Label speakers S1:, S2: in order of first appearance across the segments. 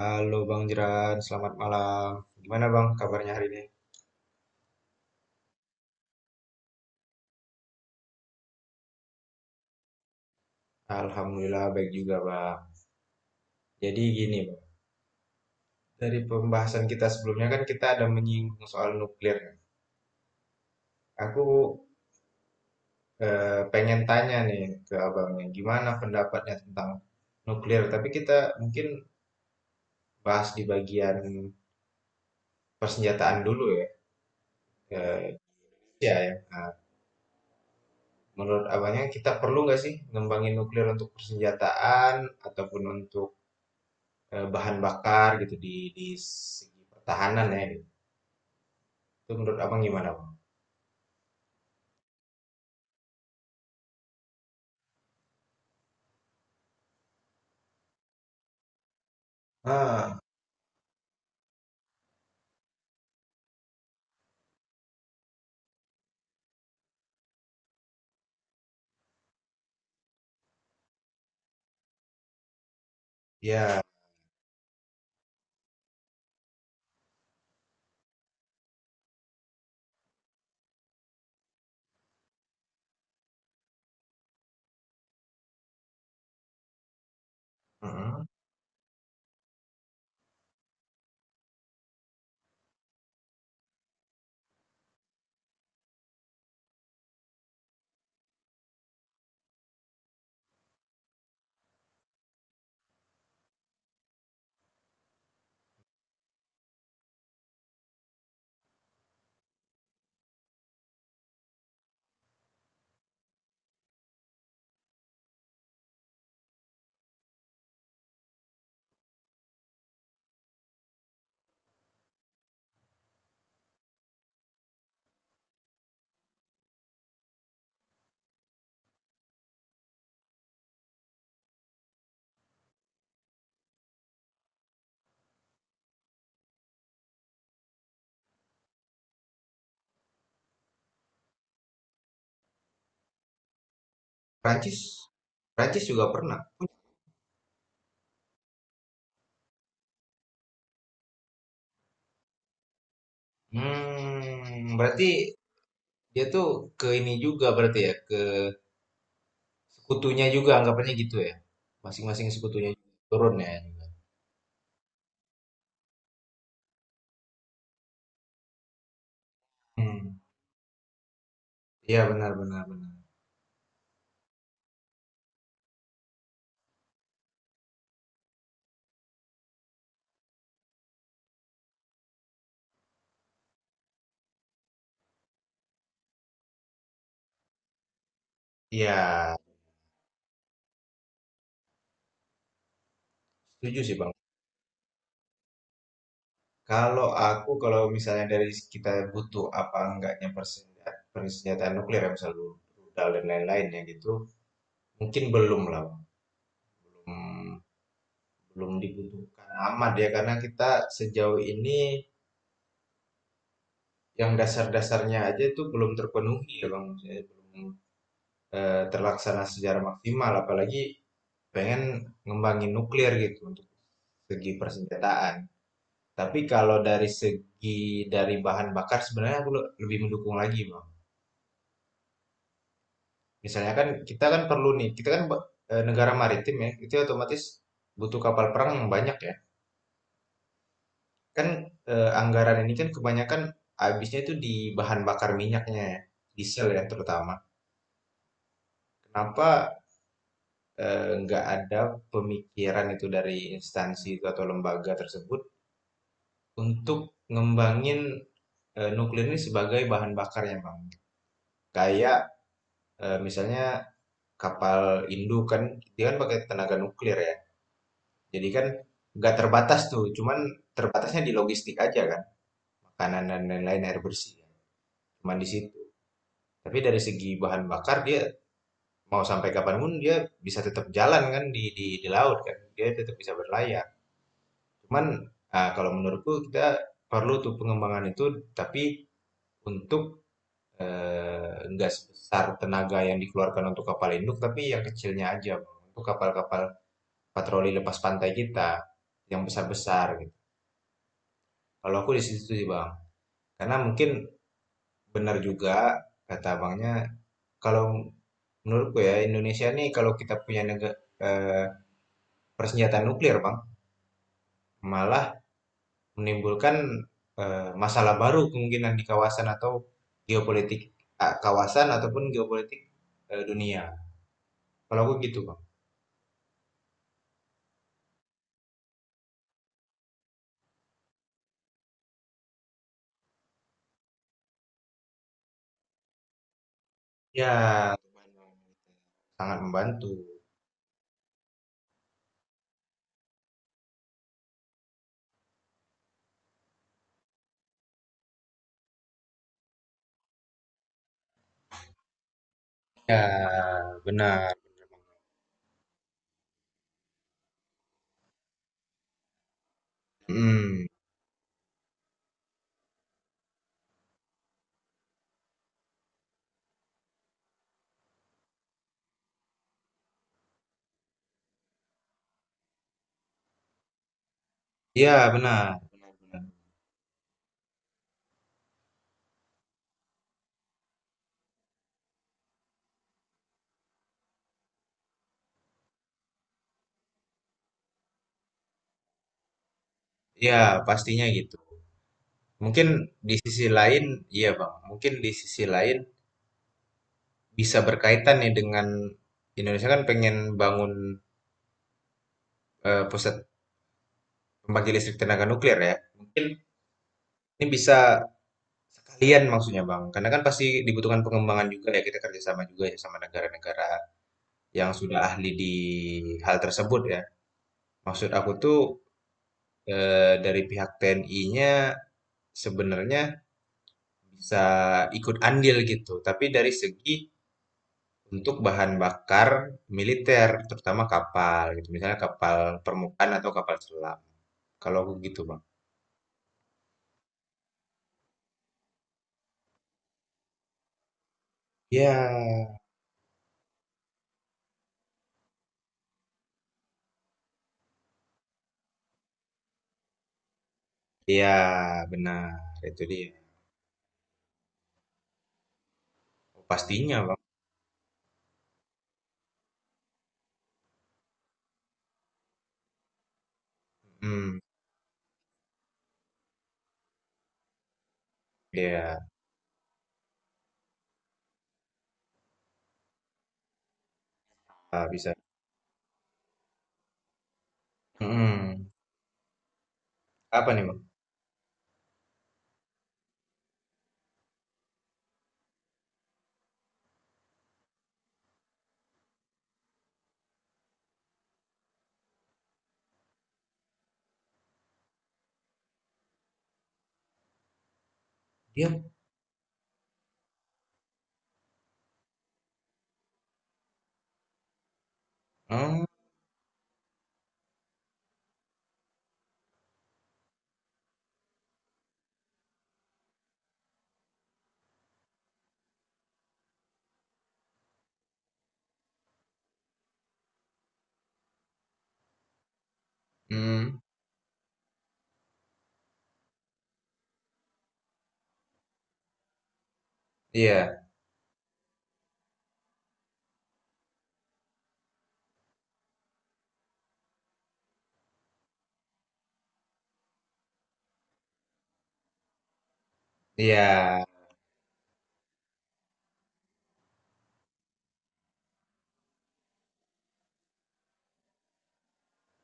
S1: Halo Bang Jeran, selamat malam. Gimana Bang kabarnya hari ini? Alhamdulillah baik juga Bang. Jadi gini Bang, dari pembahasan kita sebelumnya kan kita ada menyinggung soal nuklir. Kan? Aku pengen tanya nih ke Abangnya, gimana pendapatnya tentang nuklir? Tapi kita mungkin bahas di bagian persenjataan dulu ya. Eh, Ya, ya. Nah, menurut Abangnya kita perlu nggak sih ngembangin nuklir untuk persenjataan ataupun untuk bahan bakar gitu di segi pertahanan ya gitu. Itu menurut abang gimana bang? Ah, ya, mm-mm. Prancis, Prancis juga pernah. Hmm, berarti dia tuh ke ini juga berarti ya ke sekutunya juga anggapannya gitu ya. Masing-masing sekutunya turun ya juga. Hmm, iya benar benar benar. Iya, setuju sih bang. Kalau aku kalau misalnya dari kita butuh apa enggaknya persenjataan, persenjataan nuklir ya misalnya rudal dan lain-lain ya gitu, mungkin belum lah. Mmm, belum dibutuhkan amat ya, karena kita sejauh ini yang dasar-dasarnya aja itu belum terpenuhi ya Bang, maksudnya belum, terlaksana secara maksimal, apalagi pengen ngembangin nuklir gitu untuk segi persenjataan. Tapi kalau dari segi dari bahan bakar sebenarnya aku lebih mendukung lagi Bang. Misalnya kan kita kan perlu nih, kita kan negara maritim ya, itu otomatis butuh kapal perang yang banyak ya. Kan anggaran ini kan kebanyakan habisnya itu di bahan bakar minyaknya ya, diesel ya terutama. Kenapa nggak ada pemikiran itu dari instansi itu atau lembaga tersebut untuk ngembangin nuklir ini sebagai bahan bakar ya Bang? Kayak misalnya kapal induk kan dia kan pakai tenaga nuklir ya. Jadi kan nggak terbatas tuh, cuman terbatasnya di logistik aja kan, makanan dan lain-lain air bersih. Ya. Cuman di situ. Tapi dari segi bahan bakar dia mau sampai kapanpun dia bisa tetap jalan kan di laut kan dia tetap bisa berlayar cuman ah, kalau menurutku kita perlu tuh pengembangan itu tapi untuk enggak sebesar tenaga yang dikeluarkan untuk kapal induk tapi yang kecilnya aja untuk kapal-kapal patroli lepas pantai kita yang besar-besar gitu kalau aku di situ sih bang karena mungkin benar juga kata abangnya kalau menurutku ya Indonesia nih kalau kita punya persenjataan nuklir bang malah menimbulkan masalah baru kemungkinan di kawasan atau geopolitik ah, kawasan ataupun geopolitik dunia. Kalau aku gitu, Bang. Ya, sangat membantu. Ya, benar. Hmm, ya benar. Ya, pastinya gitu. Mungkin di sisi lain, iya Bang. Mungkin di sisi lain bisa berkaitan nih dengan Indonesia kan pengen bangun pusat pembangkit listrik tenaga nuklir ya. Mungkin ini bisa sekalian maksudnya Bang, karena kan pasti dibutuhkan pengembangan juga ya kita kerjasama juga ya sama negara-negara yang sudah ahli di hal tersebut ya. Maksud aku tuh dari pihak TNI-nya sebenarnya bisa ikut andil gitu, tapi dari segi untuk bahan bakar militer, terutama kapal gitu, misalnya kapal permukaan atau kapal selam. Kalau aku gitu Bang. Ya, ya benar itu dia. Pastinya Bang. Hmm, ya bisa. Mm-mm. Apa nih Bang? Iya. Oh, hmm, mmm, iya iya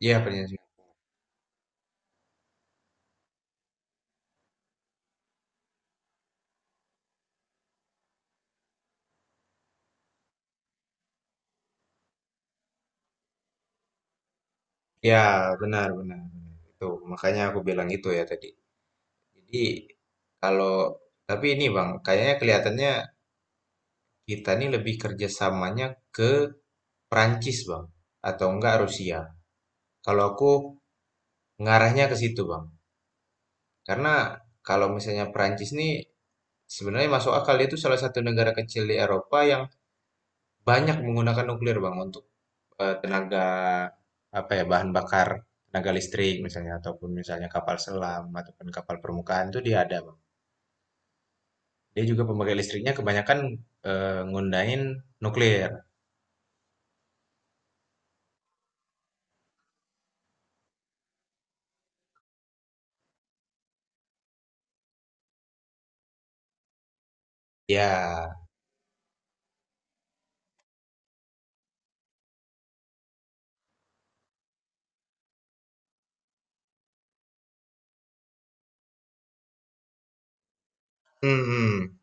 S1: iya perjanjian. Iya benar benar benar, itu makanya aku bilang itu ya tadi. Jadi kalau tapi ini Bang, kayaknya kelihatannya kita nih lebih kerjasamanya ke Perancis Bang, atau enggak Rusia. Kalau aku ngarahnya ke situ Bang, karena kalau misalnya Perancis nih sebenarnya masuk akal, dia itu salah satu negara kecil di Eropa yang banyak menggunakan nuklir Bang untuk tenaga apa ya bahan bakar tenaga listrik misalnya ataupun misalnya kapal selam ataupun kapal permukaan itu dia ada bang. Dia juga pemakai listriknya kebanyakan ngundahin nuklir. Ya, hmm, hmm.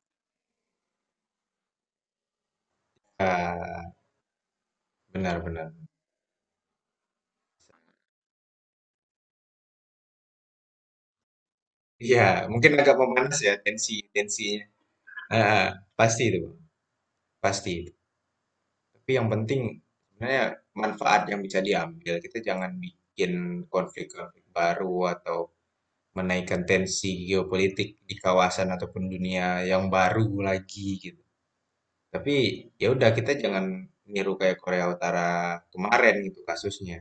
S1: Ah, benar-benar. Ya, mungkin agak memanas ya tensi tensinya. Ah, pasti itu bang, pasti. Tapi yang penting sebenarnya manfaat yang bisa diambil kita jangan bikin konflik-konflik baru atau menaikkan tensi geopolitik di kawasan ataupun dunia yang baru lagi gitu. Tapi ya udah kita jangan niru kayak Korea Utara kemarin gitu kasusnya.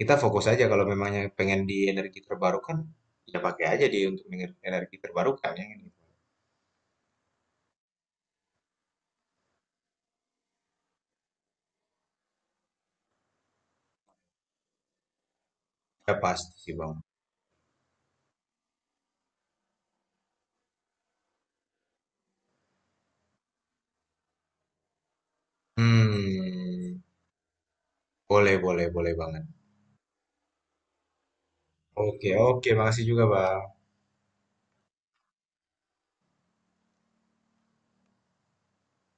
S1: Kita fokus aja kalau memangnya pengen di energi terbarukan, ya pakai aja di untuk energi terbarukan ya. Gitu. Ya pasti sih Bang. Hmm, boleh boleh boleh banget. Oke oke, makasih juga Bang.